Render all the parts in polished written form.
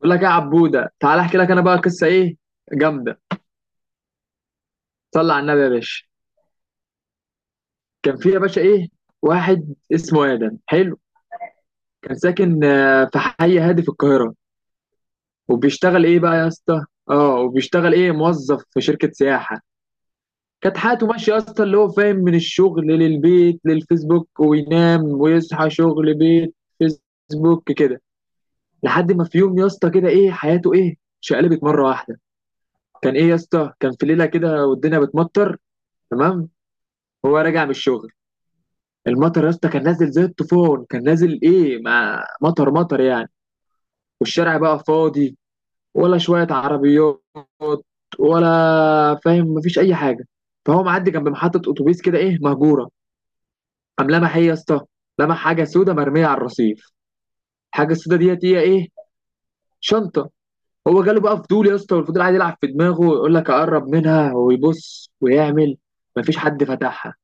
بقول لك إيه يا عبوده، تعالى احكي لك انا بقى قصه ايه جامده. صلى على النبي يا باشا. كان في يا باشا ايه، واحد اسمه ادم. حلو. كان ساكن في حي هادي في القاهره. وبيشتغل ايه بقى يا اسطى؟ اه، وبيشتغل ايه؟ موظف في شركه سياحه. كانت حياته ماشيه يا اسطى، اللي هو فاهم، من الشغل للبيت للفيسبوك وينام ويصحى، شغل بيت فيسبوك كده. لحد ما في يوم يا اسطى كده ايه، حياته ايه، شقلبت مره واحده. كان ايه يا اسطى، كان في ليله كده والدنيا بتمطر. تمام. هو راجع من الشغل، المطر يا اسطى كان نازل زي الطوفان، كان نازل ايه، ما مطر مطر يعني. والشارع بقى فاضي، ولا شوية عربيات، ولا فاهم مفيش أي حاجة. فهو معدي جنب محطة أتوبيس كده إيه، مهجورة. قام لمح إيه يا اسطى؟ لمح حاجة سودة مرمية على الرصيف. الحاجة السودة ديت هي إيه؟ شنطة. هو جاله بقى فضول يا اسطى، والفضول قاعد يلعب في دماغه ويقول لك أقرب منها ويبص ويعمل. مفيش حد فتحها.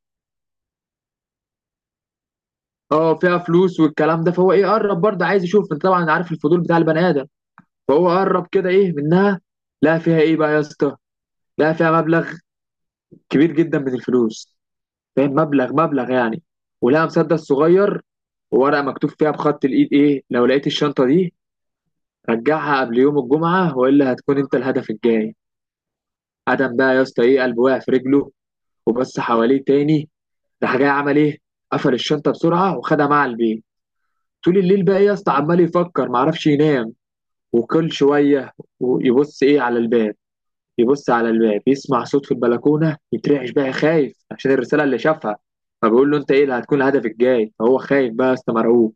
اه، فيها فلوس والكلام ده. فهو ايه، قرب برضه عايز يشوف، انت طبعا عارف الفضول بتاع البني ادم. فهو قرب كده ايه منها. لقى فيها ايه بقى يا اسطى؟ لقى فيها مبلغ كبير جدا من الفلوس. فاهم، مبلغ مبلغ يعني. ولقى مسدس صغير، وورقه مكتوب فيها بخط الايد ايه: لو لقيت الشنطه دي رجعها قبل يوم الجمعه، والا هتكون انت الهدف الجاي. ادم بقى يا اسطى ايه، قلبه وقع في رجله. وبص حواليه تاني. راح جاي عمل ايه؟ قفل الشنطه بسرعه وخدها معاه البيت. طول الليل بقى إيه يا اسطى، عمال يفكر معرفش ينام. وكل شوية يبص إيه على الباب، يبص على الباب، يسمع صوت في البلكونة، يترعش بقى خايف عشان الرسالة اللي شافها. فبيقول له أنت إيه اللي هتكون هدفك الجاي. فهو خايف بقى يا اسطى، مرعوب.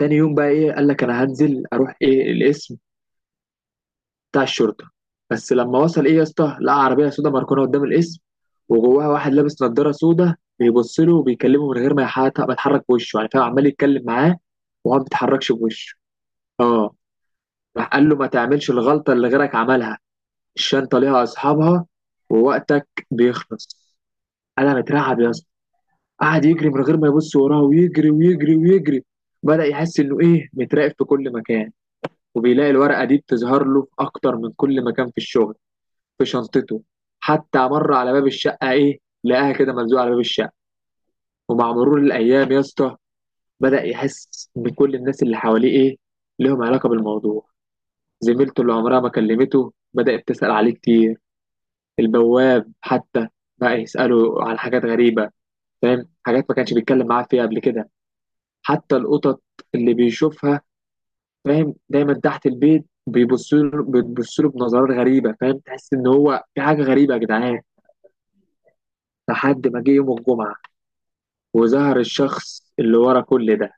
تاني يوم بقى إيه، قال لك أنا هنزل أروح إيه القسم بتاع الشرطة. بس لما وصل إيه يا اسطى، لقى عربية سودا مركونة قدام القسم، وجواها واحد لابس نضارة سودا بيبص له وبيكلمه من غير ما يتحرك بوشه يعني، فاهم، عمال يتكلم معاه وهو ما بيتحركش بوشه. اه. راح قال له ما تعملش الغلطة اللي غيرك عملها، الشنطه ليها اصحابها، ووقتك بيخلص. انا مترعب يا اسطى. قعد يجري من غير ما يبص وراه، ويجري ويجري ويجري. بدأ يحس انه ايه، متراقب في كل مكان. وبيلاقي الورقه دي بتظهر له في اكتر من كل مكان، في الشغل، في شنطته، حتى مر على باب الشقه ايه، لقاها كده ملزوقه على باب الشقه. ومع مرور الايام يا اسطى، بدأ يحس ان كل الناس اللي حواليه ايه، لهم علاقه بالموضوع. زميلته اللي عمرها ما كلمته بدأت تسأل عليه كتير. البواب حتى بقى يسأله على حاجات غريبة، فاهم، حاجات ما كانش بيتكلم معاه فيها قبل كده. حتى القطط اللي بيشوفها، فاهم، دايما تحت البيت بيبصوا له، بيبصوا له بنظرات غريبة، فاهم، تحس إن هو في حاجة غريبة يا جدعان. لحد ما جه يوم الجمعة وظهر الشخص اللي ورا كل ده.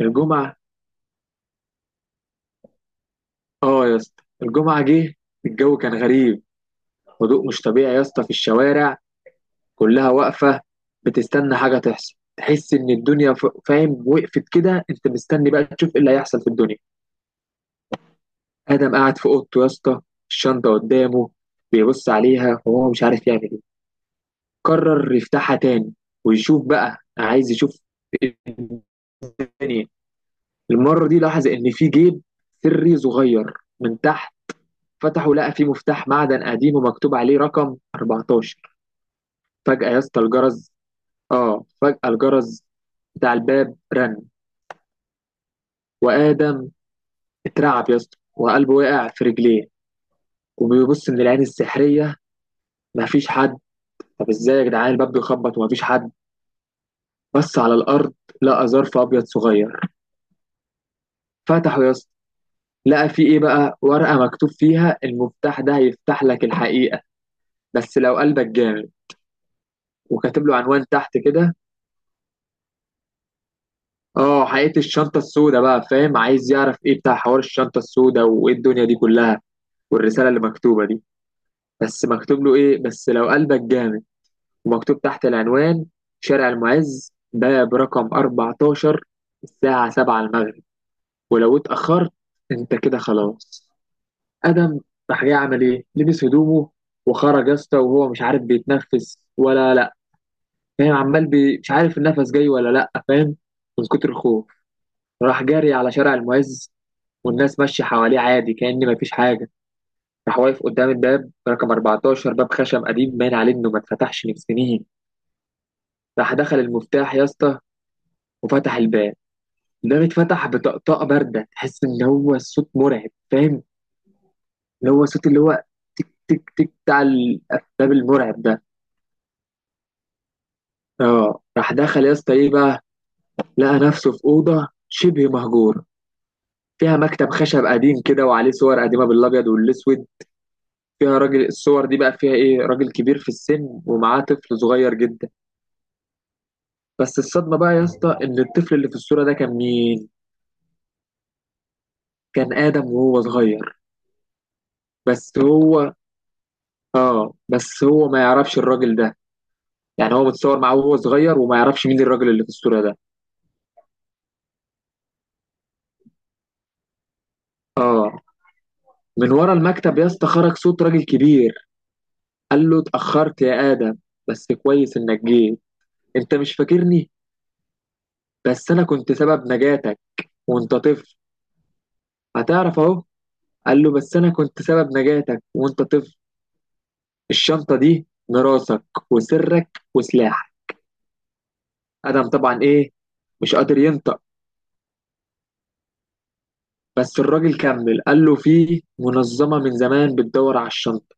الجمعة، آه يا اسطى الجمعة جه. الجو كان غريب، هدوء مش طبيعي يا اسطى في الشوارع، كلها واقفة بتستنى حاجة تحصل. تحس إن الدنيا فاهم، وقفت كده، أنت مستني بقى تشوف إيه اللي هيحصل في الدنيا. آدم قاعد في أوضته يا اسطى، الشنطة قدامه، بيبص عليها وهو مش عارف يعمل إيه. قرر يفتحها تاني ويشوف بقى، عايز يشوف الدنيا. المرة دي لاحظ إن في جيب سري صغير من تحت. فتحه لقى فيه مفتاح معدن قديم ومكتوب عليه رقم 14. فجأة يا اسطى الجرس، آه فجأة الجرس بتاع الباب رن. وآدم اترعب يا اسطى وقلبه وقع في رجليه. وبيبص من العين السحرية، مفيش حد. طب ازاي يا جدعان الباب بيخبط ومفيش حد؟ بص على الأرض، لقى ظرف أبيض صغير. فتحه يا اسطى، لقى فيه إيه بقى، ورقة مكتوب فيها: المفتاح ده هيفتح لك الحقيقة، بس لو قلبك جامد. وكاتب له عنوان تحت كده. اه، حقيقة الشنطة السوداء بقى، فاهم، عايز يعرف ايه بتاع حوار الشنطة السوداء وايه الدنيا دي كلها، والرسالة اللي مكتوبة دي. بس مكتوب له ايه؟ بس لو قلبك جامد. ومكتوب تحت العنوان: شارع المعز ده برقم 14، الساعة 7 المغرب، ولو اتأخرت انت كده خلاص. آدم راح جاي عمل ايه؟ لبس هدومه وخرج يا اسطى وهو مش عارف بيتنفس ولا لا. فاهم، عمال مش عارف النفس جاي ولا لا، فاهم، من كتر الخوف. راح جاري على شارع المعز، والناس ماشية حواليه عادي كأن مفيش حاجة. راح واقف قدام الباب رقم 14، باب خشب قديم باين عليه انه ما اتفتحش من سنين. راح دخل المفتاح يا اسطى وفتح الباب. ده بيتفتح بطقطقه بارده، تحس ان هو الصوت مرعب، فاهم، اللي هو صوت اللي هو تك تك تك بتاع الافلام المرعب ده. اه. راح دخل يا اسطى ايه بقى، لقى نفسه في اوضه شبه مهجور، فيها مكتب خشب قديم كده وعليه صور قديمه بالابيض والاسود. فيها راجل، الصور دي بقى فيها ايه، راجل كبير في السن ومعاه طفل صغير جدا. بس الصدمه بقى يا اسطى، ان الطفل اللي في الصوره ده كان مين؟ كان ادم وهو صغير. بس هو اه، بس هو ما يعرفش الراجل ده. يعني هو متصور معاه وهو صغير وما يعرفش مين الراجل اللي في الصورة ده. اه. من ورا المكتب يا اسطى خرج صوت راجل كبير، قال له اتأخرت يا آدم، بس كويس انك جيت. انت مش فاكرني، بس انا كنت سبب نجاتك وانت طفل. هتعرف اهو. قال له بس انا كنت سبب نجاتك وانت طفل. الشنطة دي ميراثك وسرك وسلاحك. آدم طبعا ايه، مش قادر ينطق. بس الراجل كمل، قال له في منظمة من زمان بتدور على الشنطة.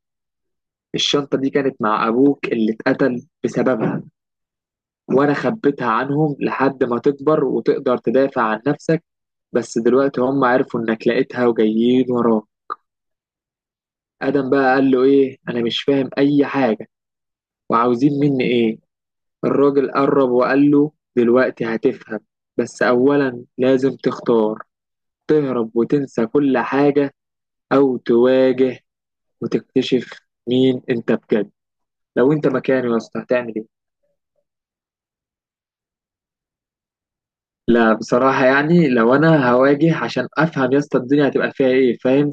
الشنطة دي كانت مع أبوك اللي اتقتل بسببها، وأنا خبيتها عنهم لحد ما تكبر وتقدر تدافع عن نفسك. بس دلوقتي هم عرفوا إنك لقيتها وجايين وراك. آدم بقى قال له إيه، أنا مش فاهم أي حاجة، وعاوزين مني إيه؟ الراجل قرب وقال له دلوقتي هتفهم، بس أولا لازم تختار: تهرب وتنسى كل حاجة، أو تواجه وتكتشف مين أنت بجد. لو أنت مكاني يا أسطى هتعمل إيه؟ لا بصراحة يعني لو أنا هواجه عشان أفهم يا اسطى الدنيا هتبقى فيها إيه، فاهم،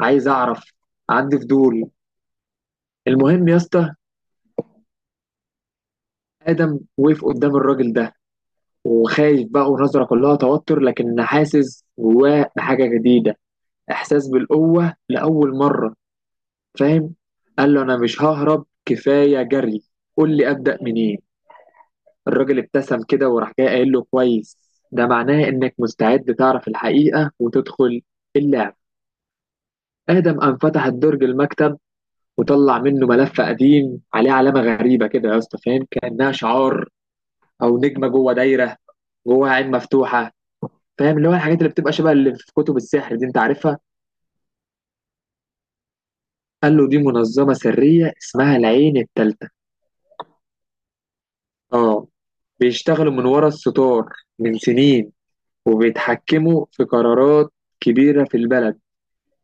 عايز أعرف، عندي فضول. المهم يا اسطى. آدم وقف قدام الراجل ده، وخايف بقى ونظرة كلها توتر، لكن حاسس جواه بحاجة جديدة، إحساس بالقوة لأول مرة، فاهم. قال له أنا مش ههرب، كفاية جري، قول لي أبدأ منين. الراجل ابتسم كده وراح جاي قايل له كويس، ده معناه إنك مستعد تعرف الحقيقة وتدخل اللعبة. آدم قام فتح الدرج المكتب وطلع منه ملف قديم عليه علامة غريبة كده يا اسطى، فاهم، كأنها شعار، أو نجمة جوه دايرة جوه عين مفتوحة، فاهم، اللي هو الحاجات اللي بتبقى شبه اللي في كتب السحر دي أنت عارفها. قال له دي منظمة سرية اسمها العين التالتة. آه. بيشتغلوا من ورا الستار من سنين، وبيتحكموا في قرارات كبيرة في البلد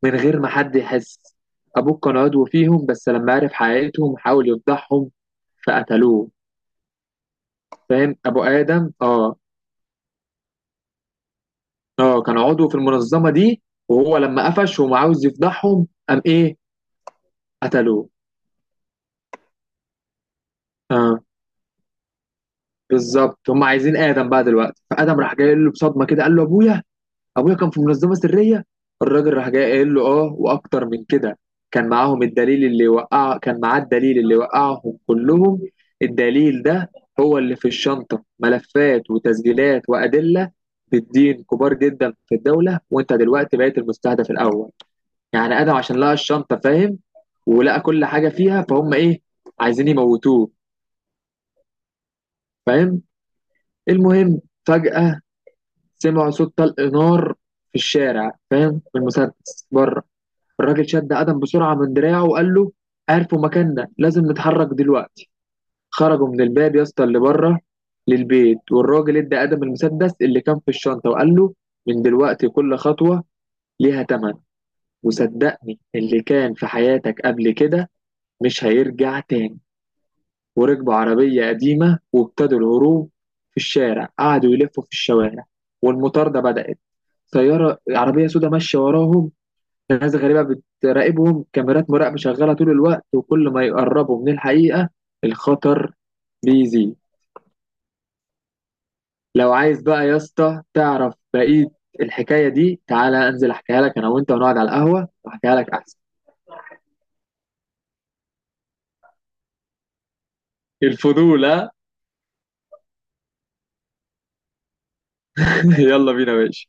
من غير ما حد يحس. أبوك كان عضو فيهم، بس لما عرف حقيقتهم حاول يفضحهم فقتلوه. فاهم، ابو ادم. اه. اه، كان عضو في المنظمه دي. وهو لما قفش وما عاوز يفضحهم قام ايه، قتلوه. اه، بالظبط. هم عايزين ادم بقى دلوقتي. فادم راح جاي قايل له بصدمه كده، قال له ابويا، ابويا كان في منظمه سريه؟ الراجل راح جاي قايل له اه، واكتر من كده. كان معاهم الدليل اللي وقع، كان معاه الدليل اللي وقعهم كلهم. الدليل ده هو اللي في الشنطه: ملفات وتسجيلات وادله بالدين كبار جدا في الدوله. وانت دلوقتي بقيت المستهدف الاول. يعني ادم عشان لقى الشنطه، فاهم، ولقى كل حاجه فيها، فهم ايه، عايزين يموتوه، فاهم. المهم، فجاه سمعوا صوت طلق نار في الشارع، فاهم، بالمسدس بره. الراجل شد ادم بسرعه من دراعه وقال له عرفوا مكاننا، لازم نتحرك دلوقتي. خرجوا من الباب يا اسطى اللي بره للبيت، والراجل ادى ادم المسدس اللي كان في الشنطه وقال له من دلوقتي كل خطوه ليها تمن، وصدقني اللي كان في حياتك قبل كده مش هيرجع تاني. وركبوا عربية قديمة وابتدوا الهروب. في الشارع قعدوا يلفوا في الشوارع، والمطاردة بدأت، سيارة عربية سوداء ماشية وراهم، ناس غريبة بتراقبهم، كاميرات مراقبة شغالة طول الوقت، وكل ما يقربوا من الحقيقة الخطر بيزيد. لو عايز بقى يا اسطى تعرف بقية الحكاية دي، تعالى أنزل أحكيها لك، أنا وأنت ونقعد على القهوة وأحكيها لك أحسن. الفضول ها. يلا بينا يا باشا.